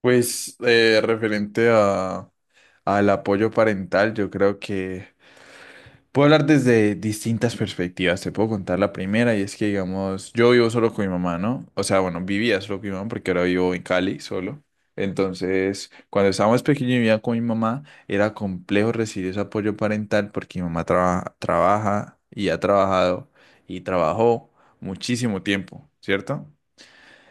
Pues referente a, al apoyo parental, yo creo que puedo hablar desde distintas perspectivas. Te puedo contar la primera y es que, digamos, yo vivo solo con mi mamá, ¿no? O sea, bueno, vivía solo con mi mamá porque ahora vivo en Cali solo. Entonces, cuando estaba más pequeño y vivía con mi mamá, era complejo recibir ese apoyo parental porque mi mamá trabaja y ha trabajado y trabajó muchísimo tiempo, ¿cierto?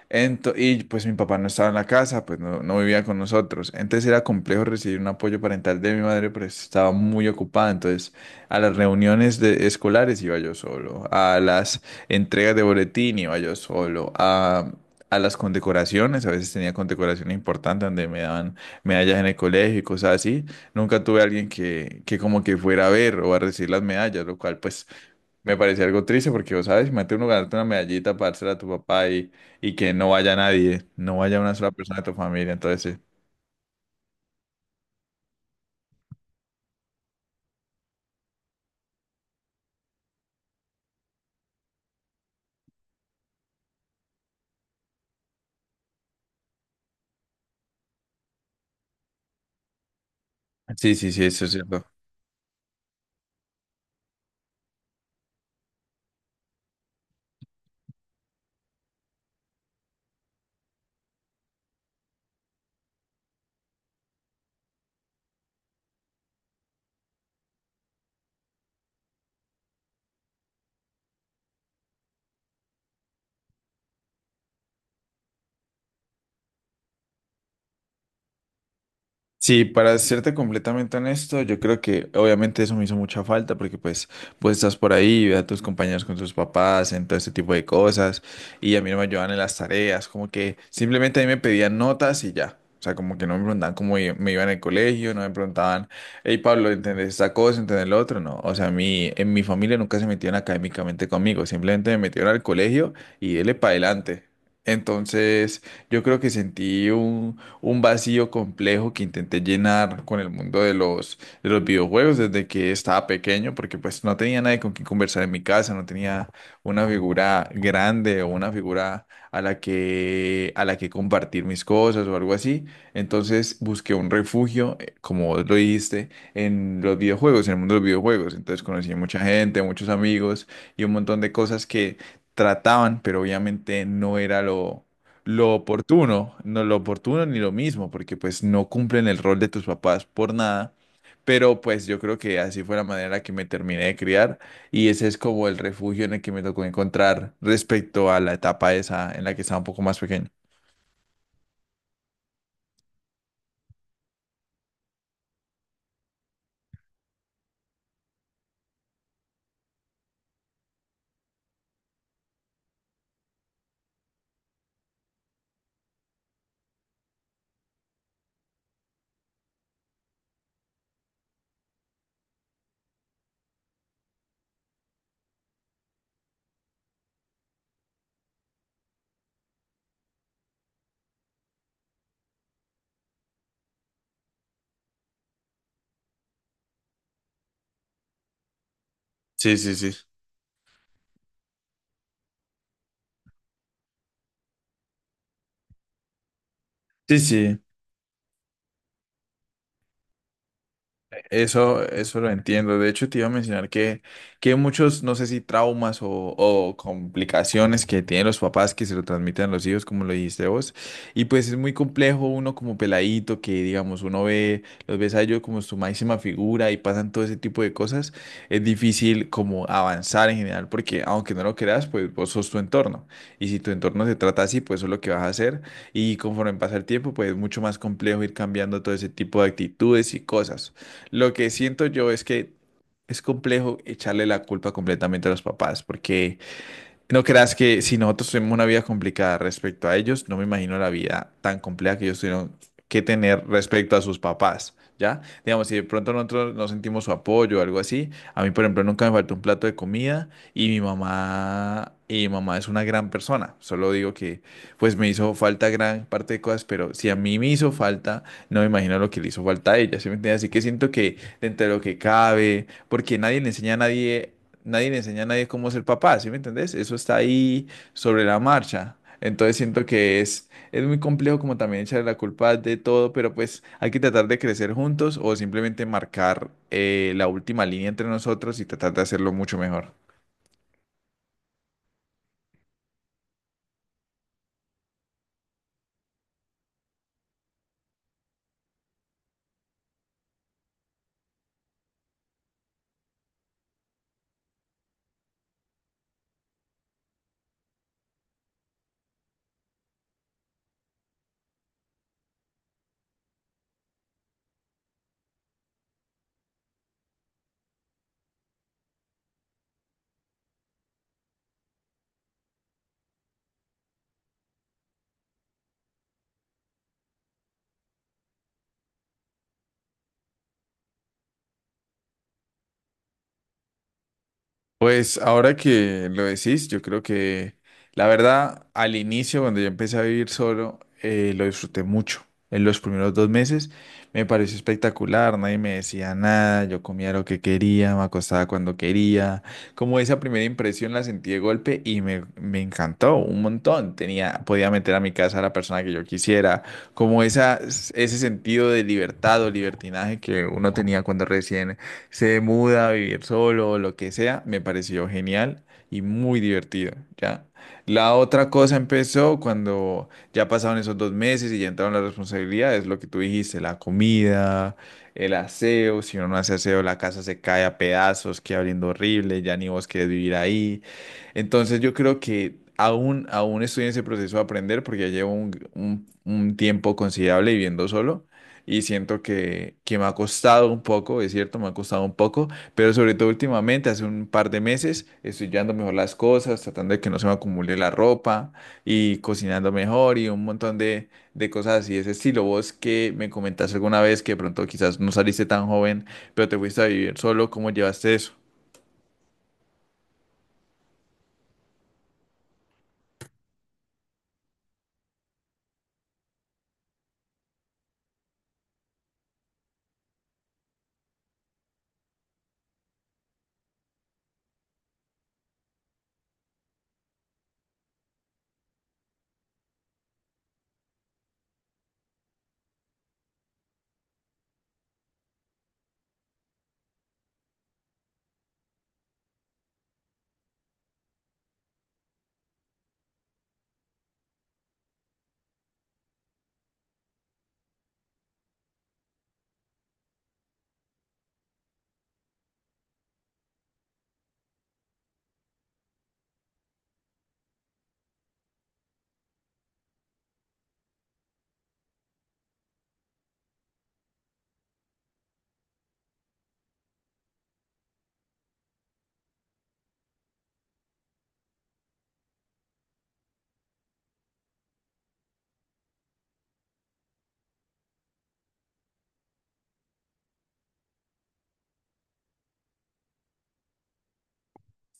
Y pues mi papá no estaba en la casa, pues no vivía con nosotros. Entonces era complejo recibir un apoyo parental de mi madre, pero estaba muy ocupada. Entonces a las escolares iba yo solo, a las entregas de boletín iba yo solo, a las condecoraciones, a veces tenía condecoraciones importantes donde me daban medallas en el colegio y cosas así. Nunca tuve a alguien que como que fuera a ver o a recibir las medallas, lo cual pues... Me parecía algo triste porque, vos sabes, imagínate uno ganarte una medallita para dársela a tu papá y que no vaya nadie, no vaya una sola persona de tu familia. Entonces, sí, sí, sí, sí, eso es cierto. Sí, para serte completamente honesto, yo creo que obviamente eso me hizo mucha falta porque pues, pues estás por ahí, ves a tus compañeros con tus papás, en todo este tipo de cosas, y a mí no me ayudaban en las tareas, como que simplemente a mí me pedían notas y ya. O sea, como que no me preguntaban me iba en el colegio, no me preguntaban, hey Pablo, ¿entendés esta cosa, entendés lo otro? No, o sea, a mí, en mi familia nunca se metieron académicamente conmigo, simplemente me metieron al colegio y dele para adelante. Entonces, yo creo que sentí un vacío complejo que intenté llenar con el mundo de los videojuegos desde que estaba pequeño, porque pues no tenía nadie con quien conversar en mi casa, no tenía una figura grande o una figura a la que compartir mis cosas o algo así. Entonces busqué un refugio, como vos lo dijiste, en los videojuegos, en el mundo de los videojuegos. Entonces conocí mucha gente, muchos amigos y un montón de cosas que trataban, pero obviamente no era lo oportuno, no lo oportuno ni lo mismo, porque pues no cumplen el rol de tus papás por nada, pero pues yo creo que así fue la manera en la que me terminé de criar y ese es como el refugio en el que me tocó encontrar respecto a la etapa esa en la que estaba un poco más pequeño. Sí, sí, sí. Sí, sí. Eso lo entiendo. De hecho, te iba a mencionar que muchos, no sé si traumas o complicaciones que tienen los papás que se lo transmiten a los hijos, como lo dijiste vos. Y pues es muy complejo uno como peladito, que digamos, uno ve, los ves a ellos como su máxima figura y pasan todo ese tipo de cosas. Es difícil como avanzar en general, porque aunque no lo creas, pues vos sos tu entorno. Y si tu entorno se trata así, pues eso es lo que vas a hacer. Y conforme pasa el tiempo, pues es mucho más complejo ir cambiando todo ese tipo de actitudes y cosas. Lo que siento yo es que es complejo echarle la culpa completamente a los papás, porque no creas que si nosotros tuvimos una vida complicada respecto a ellos, no me imagino la vida tan compleja que ellos tuvieron que tener respecto a sus papás, ¿ya? Digamos, si de pronto nosotros no sentimos su apoyo o algo así, a mí, por ejemplo, nunca me faltó un plato de comida y mi mamá es una gran persona. Solo digo que, pues, me hizo falta gran parte de cosas, pero si a mí me hizo falta, no me imagino lo que le hizo falta a ella, ¿sí me entiendes? Así que siento que dentro de lo que cabe, porque nadie le enseña a nadie cómo ser papá, ¿sí me entendés? Eso está ahí sobre la marcha. Entonces siento que es muy complejo como también echarle la culpa de todo, pero pues hay que tratar de crecer juntos o simplemente marcar la última línea entre nosotros y tratar de hacerlo mucho mejor. Pues ahora que lo decís, yo creo que la verdad, al inicio, cuando yo empecé a vivir solo, lo disfruté mucho. En los primeros dos meses me pareció espectacular, nadie me decía nada, yo comía lo que quería, me acostaba cuando quería. Como esa primera impresión la sentí de golpe y me encantó un montón. Tenía, podía meter a mi casa a la persona que yo quisiera, como ese sentido de libertad o libertinaje que uno tenía cuando recién se muda a vivir solo o lo que sea, me pareció genial y muy divertido, ¿ya? La otra cosa empezó cuando ya pasaron esos dos meses y ya entraron las responsabilidades, lo que tú dijiste, la comida, el aseo, si uno no hace aseo, la casa se cae a pedazos, queda oliendo horrible, ya ni vos querés vivir ahí. Entonces yo creo que aún estoy en ese proceso de aprender porque ya llevo un tiempo considerable viviendo solo y siento que me ha costado un poco, es cierto, me ha costado un poco, pero sobre todo últimamente, hace un par de meses, estoy llevando mejor las cosas, tratando de que no se me acumule la ropa y cocinando mejor y un montón de cosas así de ese estilo. Vos que me comentaste alguna vez que de pronto quizás no saliste tan joven, pero te fuiste a vivir solo, ¿cómo llevaste eso?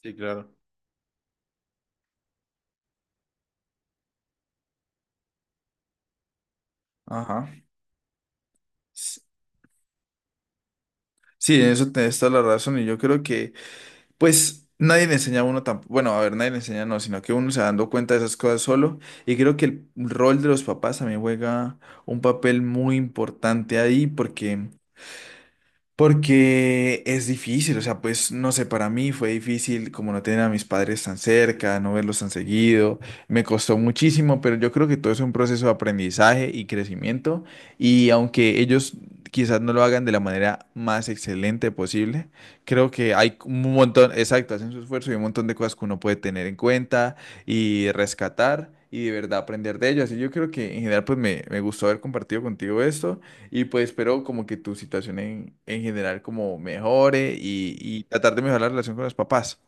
Sí, claro. Ajá. S- Sí, en eso tenés toda la razón y yo creo que pues nadie le enseña a uno tampoco, bueno, a ver, nadie le enseña, no, sino que uno se va dando cuenta de esas cosas solo. Y creo que el rol de los papás también juega un papel muy importante ahí, porque es difícil, o sea, pues no sé, para mí fue difícil como no tener a mis padres tan cerca, no verlos tan seguido, me costó muchísimo, pero yo creo que todo es un proceso de aprendizaje y crecimiento y aunque ellos quizás no lo hagan de la manera más excelente posible, creo que hay un montón, exacto, hacen su esfuerzo y un montón de cosas que uno puede tener en cuenta y rescatar y de verdad aprender de ellas. Y yo creo que en general pues me gustó haber compartido contigo esto. Y pues espero como que tu situación en general como mejore y tratar de mejorar la relación con los papás.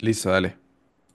Listo, dale.